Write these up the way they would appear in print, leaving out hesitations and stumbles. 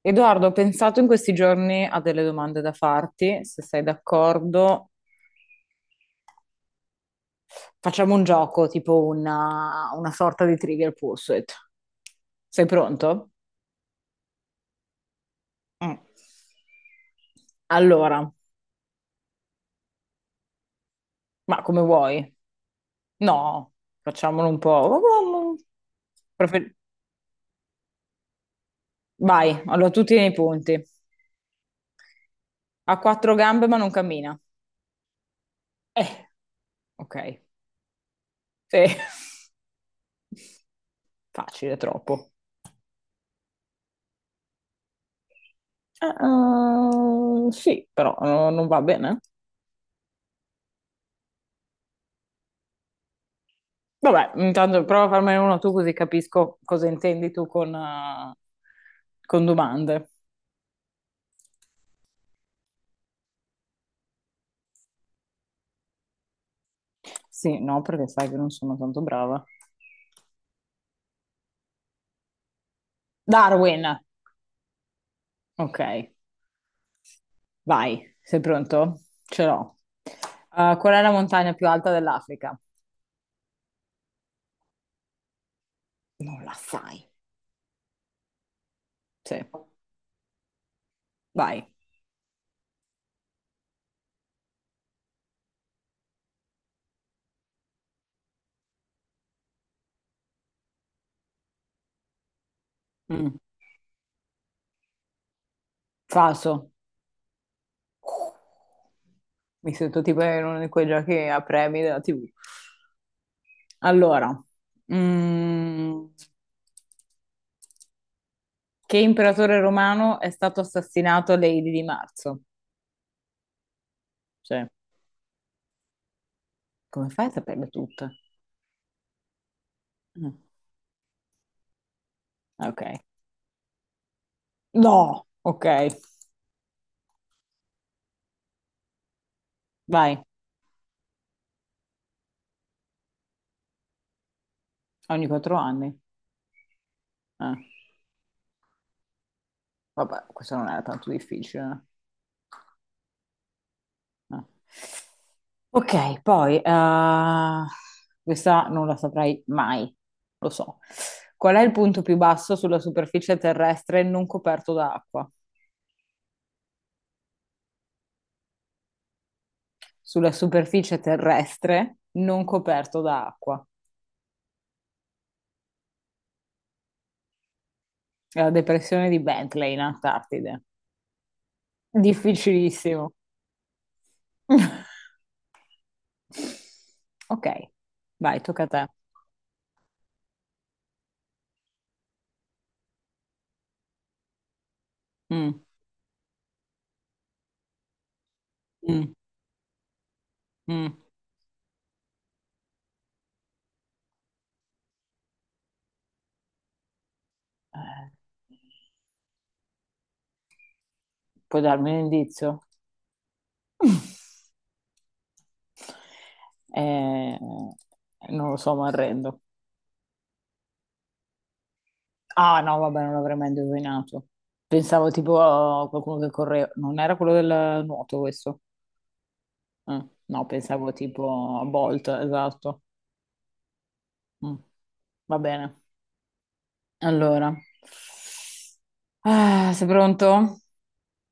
Edoardo, ho pensato in questi giorni a delle domande da farti, se sei d'accordo. Facciamo un gioco, tipo una sorta di Trivial Pursuit. Sei pronto? Mm. Allora, ma come vuoi? No, facciamolo un po'. Prefer- Vai, allora tu tieni i punti. Ha quattro gambe ma non cammina. Eh, ok. Sì, facile, troppo. Sì, però non va bene. Vabbè, intanto prova a farmene uno tu così capisco cosa intendi tu con domande. Sì, no, perché sai che non sono tanto brava. Darwin, ok, vai, sei pronto? Ce l'ho. Qual è la montagna più alta dell'Africa? Non la sai. Sì, vai. Mm. Falso. Mi sento tipo in uno di quei giochi a premi della TV. Allora, mm, che imperatore romano è stato assassinato a Lady di Marzo? Cioè, come fai a saperle tutte? Mm, ok. No! Ok, vai. Ogni quattro anni. Eh, Vabbè, questo non era tanto difficile. Eh. Ok, poi, questa non la saprei mai, lo so. Qual è il punto più basso sulla superficie terrestre non coperto da acqua? Sulla superficie terrestre non coperto da acqua. La depressione di Bentley in Antartide. Difficilissimo. Ok, vai, tocca a te. Mm, mm, mm. Eh, puoi darmi un indizio? Eh, non lo so, mi arrendo. Ah, no, vabbè, non l'avrei mai indovinato. Pensavo tipo a qualcuno che correva. Non era quello del nuoto questo? No, pensavo tipo a Bolt, esatto. Mm, va bene. Allora, ah, sei pronto?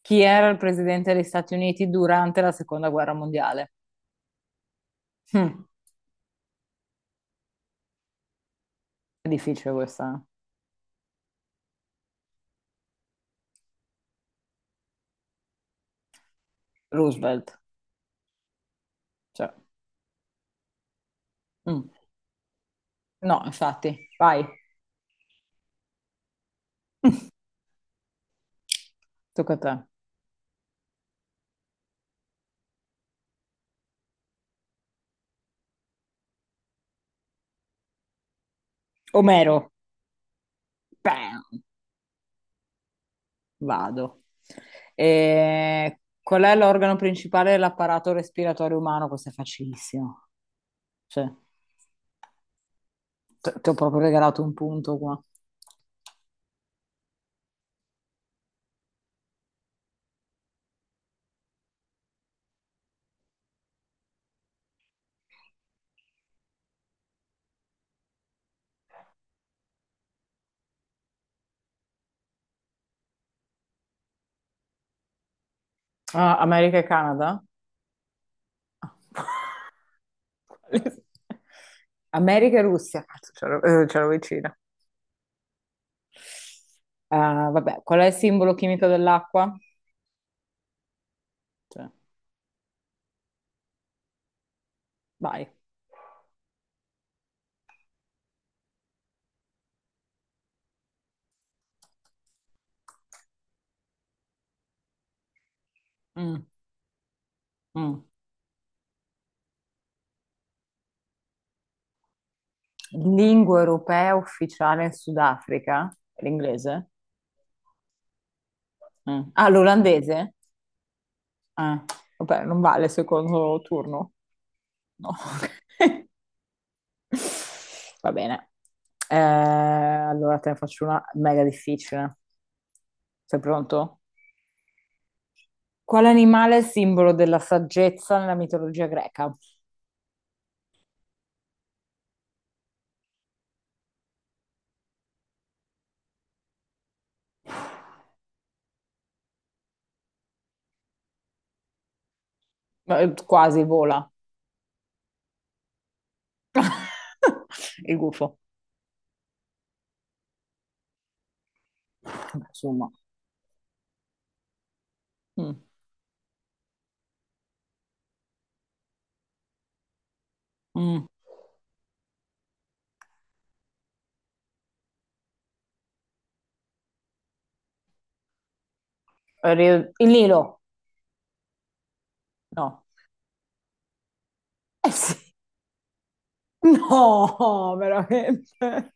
Chi era il presidente degli Stati Uniti durante la seconda guerra mondiale? Hm, è difficile questa. Eh. Roosevelt. Cioè, mm. No, infatti, vai. Tocca a te. Omero. Bam. Vado. E qual è l'organo principale dell'apparato respiratorio umano? Questo è facilissimo. Cioè, ti ho proprio regalato un punto qua. Ah, America e Canada? Quale- America e Russia, cazzo, c'ero, c'ero vicina. Ah, vabbè, qual è il simbolo chimico dell'acqua? Cioè, vai. Mm, mm. Lingua europea ufficiale in Sudafrica? L'inglese? Mm. Ah, l'olandese? Ah, vabbè, non vale il secondo turno. No. Va bene. Allora te ne faccio una mega difficile. Sei pronto? Quale animale è simbolo della saggezza nella mitologia greca? Quasi vola. Il gufo. Vabbè, insomma. Mm. Mm. Il Nilo? No. Eh sì. No, veramente.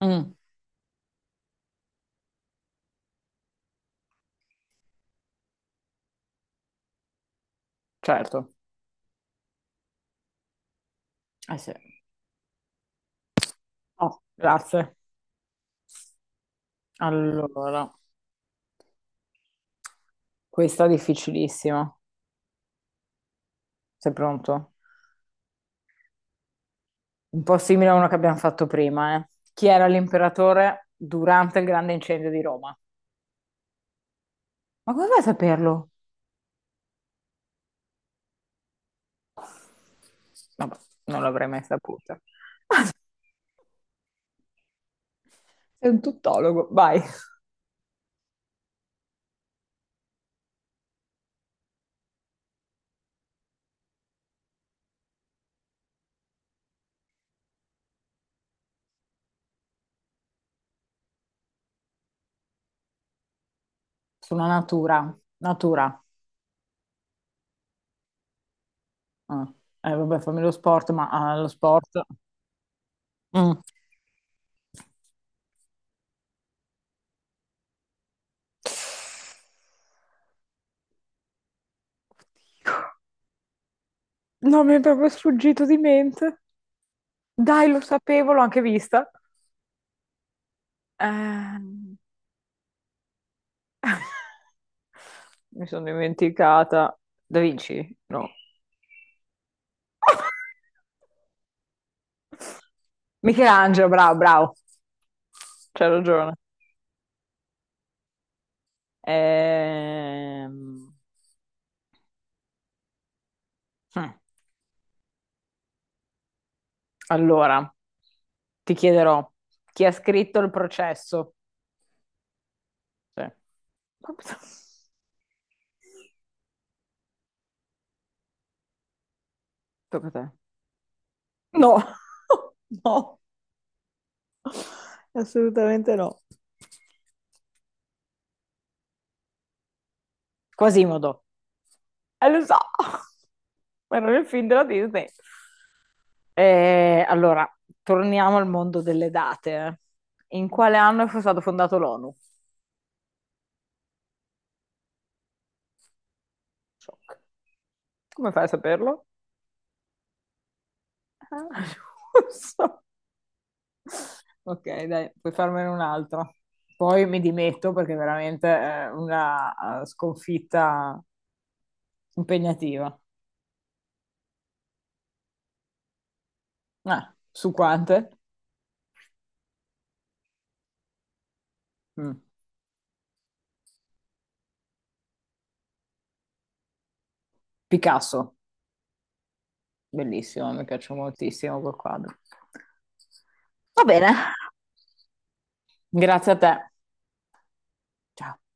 Mm, certo. Eh sì. Oh, grazie. Allora, questa è difficilissima. Sei pronto? Un po' simile a una che abbiamo fatto prima, eh. Chi era l'imperatore durante il grande incendio di Roma? Ma come fai a saperlo? Vabbè, non l'avrei mai saputo. Sei un tuttologo, vai. Sulla natura, natura. Ah. Vabbè, fammi lo sport, ma ah, lo sport... Mm. No, mi è proprio sfuggito di mente. Dai, lo sapevo, l'ho anche vista. Ehm. Mi sono dimenticata. Da Vinci? No. Michelangelo, bravo, bravo. C'hai ragione. Ehm, Mm. Allora, ti chiederò chi ha scritto il processo? Cioè, tocca a te. No, no, assolutamente no. Quasimodo. E lo so, era nel film della Disney. Allora, torniamo al mondo delle date. Eh. In quale anno è stato fondato l'ONU? Shock. Come fai a saperlo? Ah, non so. Ok, dai, puoi farmene un'altra. Poi mi dimetto perché veramente è una sconfitta impegnativa. Ah, su quante? Mm. Picasso, bellissimo, mi piace moltissimo quel quadro. Va bene. Grazie a te. Ciao.